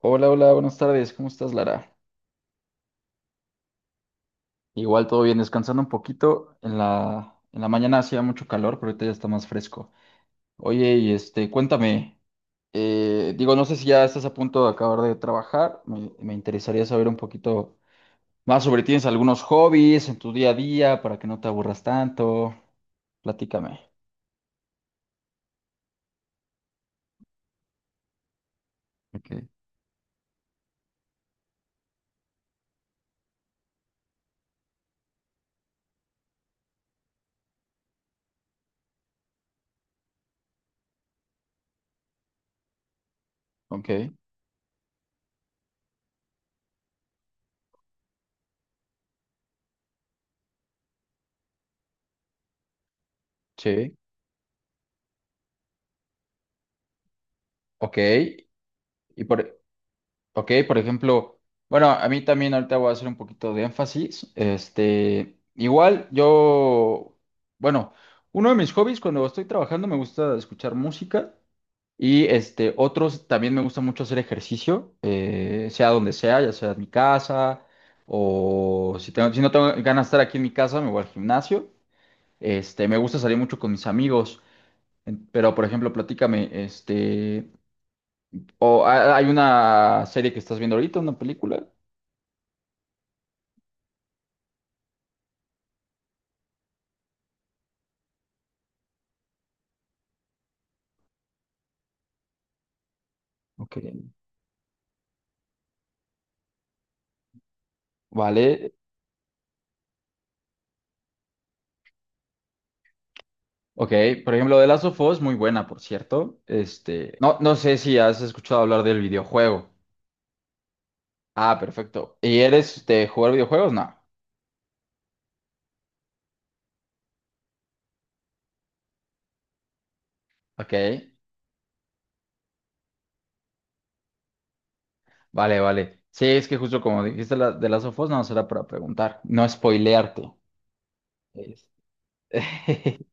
Hola, hola, buenas tardes. ¿Cómo estás, Lara? Igual todo bien, descansando un poquito. En la mañana hacía mucho calor, pero ahorita ya está más fresco. Oye, y este, cuéntame, digo, no sé si ya estás a punto de acabar de trabajar. Me interesaría saber un poquito más sobre ti. ¿Tienes algunos hobbies en tu día a día para que no te aburras tanto? Platícame. Ok. Ok, sí, ok. Y por, Ok, por ejemplo, bueno, a mí también ahorita voy a hacer un poquito de énfasis. Este, igual yo, bueno, uno de mis hobbies cuando estoy trabajando me gusta escuchar música y este, otros también me gusta mucho hacer ejercicio, sea donde sea, ya sea en mi casa o si no tengo ganas de estar aquí en mi casa, me voy al gimnasio. Este, me gusta salir mucho con mis amigos, pero por ejemplo, platícame, este, o hay una serie que estás viendo ahorita, una película. Ok, vale. Ok, por ejemplo, The Last of Us, muy buena, por cierto. Este, no sé si has escuchado hablar del videojuego. Ah, perfecto. ¿Y eres de jugar videojuegos? No. Ok, vale, vale. Sí, es que justo como dijiste de Last of Us, no será para preguntar, no spoilearte. Es-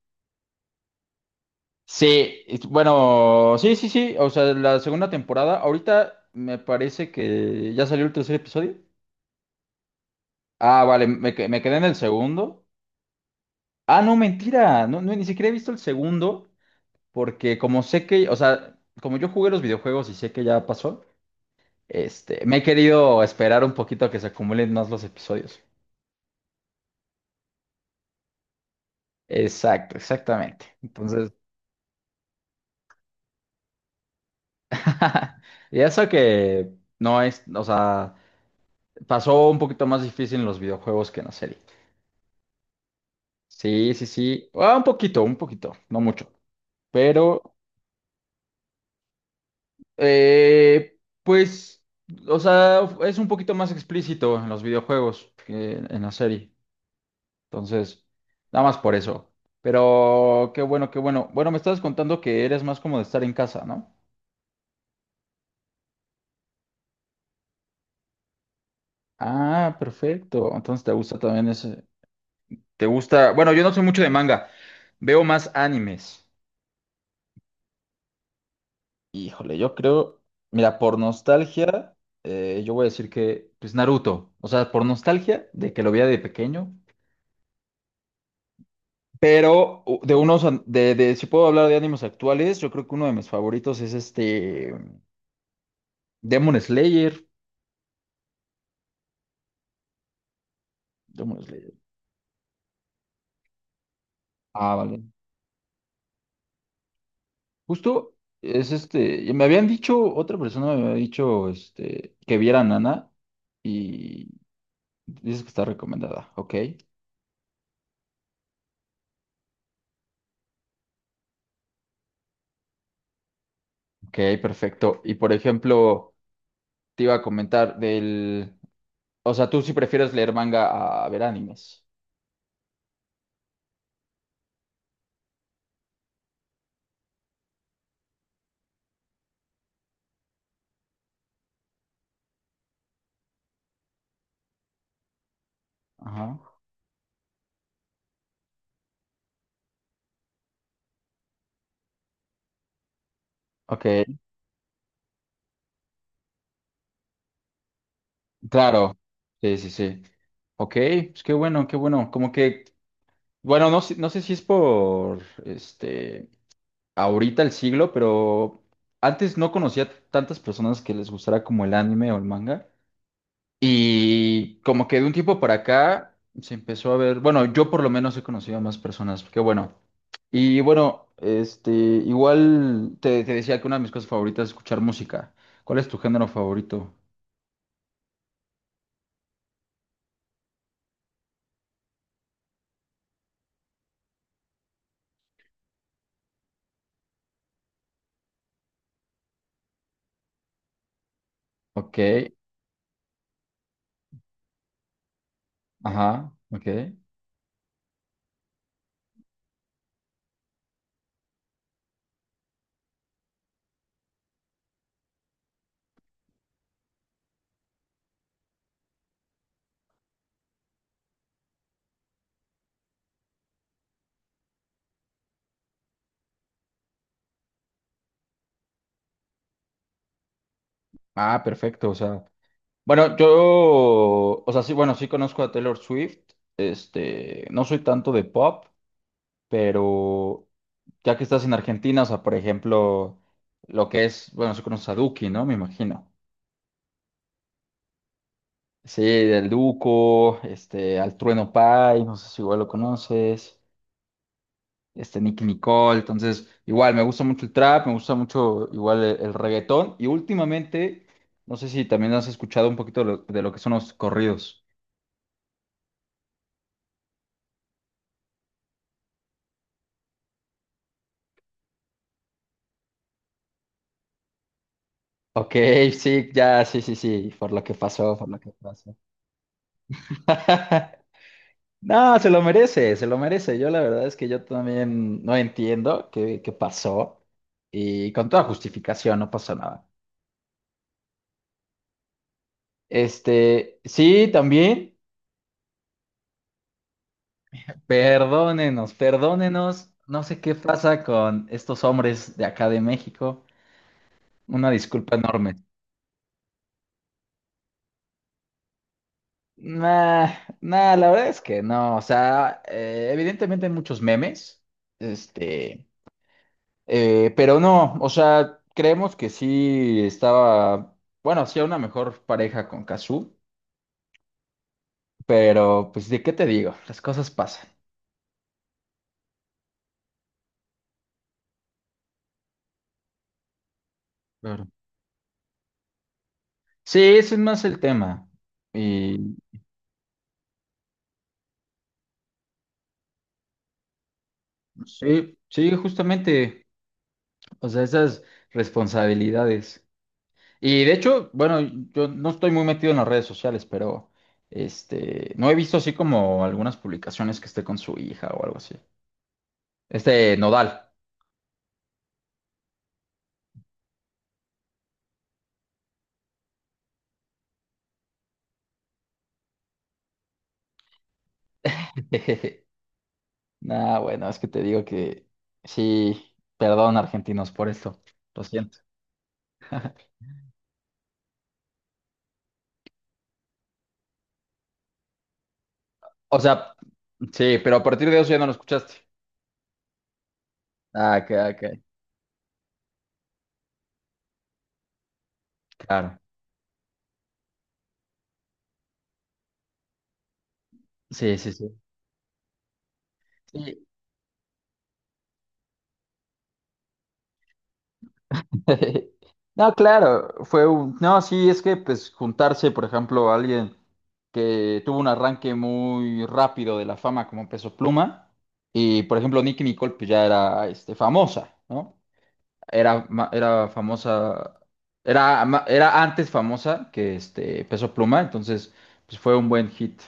Sí, bueno, sí, sí, sí. O sea, la segunda temporada, ahorita me parece que ya salió el tercer episodio. Ah, vale, me quedé en el segundo. Ah, no, mentira. No, no, ni siquiera he visto el segundo, porque como sé que, o sea, como yo jugué los videojuegos y sé que ya pasó, este, me he querido esperar un poquito a que se acumulen más los episodios. Exacto, exactamente. Entonces, y eso que no es, o sea, pasó un poquito más difícil en los videojuegos que en la serie. Sí, sí, sí. Ah, un poquito, no mucho. Pero pues, o sea, es un poquito más explícito en los videojuegos que en la serie. Entonces, nada más por eso. Pero qué bueno, qué bueno. Bueno, me estabas contando que eres más como de estar en casa, ¿no? Ah, perfecto. Entonces te gusta también ese. Te gusta. Bueno, yo no soy mucho de manga. Veo más animes. Híjole, yo creo. Mira, por nostalgia, yo voy a decir que, pues Naruto. O sea, por nostalgia de que lo veía de pequeño. Pero u- de unos, an- de, si puedo hablar de ánimos actuales, yo creo que uno de mis favoritos es este Demon Slayer. Demon Slayer. Ah, vale. Justo es este, y me habían dicho, otra persona me había dicho este, que viera Nana y dices que está recomendada. Ok, ok, perfecto. Y por ejemplo, te iba a comentar del, o sea, tú sí prefieres leer manga a ver animes. Ajá. Ok, claro, sí, sí, sí. Ok, pues qué bueno, qué bueno. Como que, bueno, no sé si es por, este, ahorita el siglo, pero antes no conocía tantas personas que les gustara como el anime o el manga. Y como que de un tiempo para acá se empezó a ver, bueno, yo por lo menos he conocido a más personas, qué bueno. Y bueno, este, igual te decía que una de mis cosas favoritas es escuchar música. ¿Cuál es tu género favorito? Ok, ajá, ok. Ah, perfecto, o sea. Bueno, yo, o sea, sí, bueno, sí conozco a Taylor Swift, este, no soy tanto de pop, pero ya que estás en Argentina, o sea, por ejemplo, lo que es, bueno, sí conoces a Duki, ¿no? Me imagino. Sí, del Duco, este, al Trueno Pai, no sé si igual lo conoces, este, Nicki Nicole, entonces, igual, me gusta mucho el trap, me gusta mucho igual el reggaetón, y últimamente, no sé si también has escuchado un poquito de lo que son los corridos. Ok, sí, ya, sí, sí, sí, por lo que pasó, por lo que pasó. No, se lo merece, se lo merece. Yo la verdad es que yo también no entiendo qué pasó y con toda justificación no pasó nada. Este, sí, también, perdónenos, perdónenos. No sé qué pasa con estos hombres de acá de México. Una disculpa enorme. Nah, nah, la verdad es que no. O sea, evidentemente hay muchos memes. Este. Pero no, o sea, creemos que sí estaba, bueno, hacía una mejor pareja con Kazu, pero pues de qué te digo, las cosas pasan. Claro. Sí, ese es más el tema. Y sí, sí, justamente, o sea, esas responsabilidades. Y de hecho, bueno, yo no estoy muy metido en las redes sociales, pero este, no he visto así como algunas publicaciones que esté con su hija o algo así. Este Nodal. Nah, bueno, es que te digo que sí, perdón, argentinos, por esto. Lo siento. O sea, sí, pero a partir de eso ya no lo escuchaste. Ah, ok, ok. Claro. Sí, sí, sí. Sí. No, claro, fue un... No, sí, es que pues juntarse, por ejemplo, a alguien que tuvo un arranque muy rápido de la fama como Peso Pluma y, por ejemplo, Nicki Nicole pues ya era este, famosa, ¿no? Era famosa, era antes famosa que este Peso Pluma, entonces pues fue un buen hit.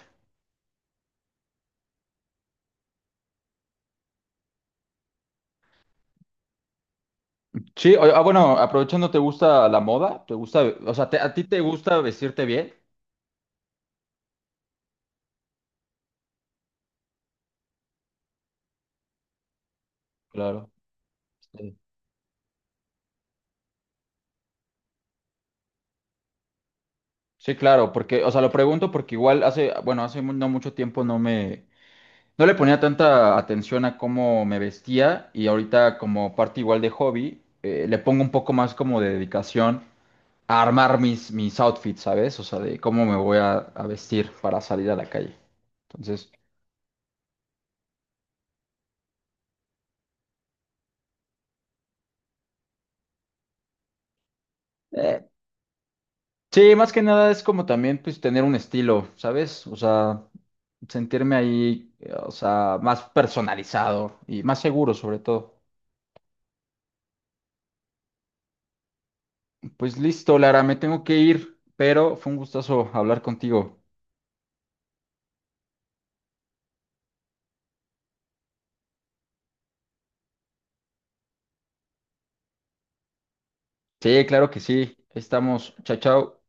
Sí, ah, bueno, aprovechando, ¿te gusta la moda? ¿Te gusta, o sea, a ti te gusta vestirte bien? Claro. Sí. Sí, claro, porque, o sea, lo pregunto porque igual hace, bueno, no mucho tiempo no le ponía tanta atención a cómo me vestía y ahorita como parte igual de hobby, le pongo un poco más como de dedicación a armar mis outfits, ¿sabes? O sea, de cómo a vestir para salir a la calle. Entonces, eh, sí, más que nada es como también, pues, tener un estilo, ¿sabes? O sea, sentirme ahí, o sea, más personalizado y más seguro sobre todo. Pues listo, Lara, me tengo que ir, pero fue un gustazo hablar contigo. Sí, claro que sí. Ahí estamos. Chao, chao.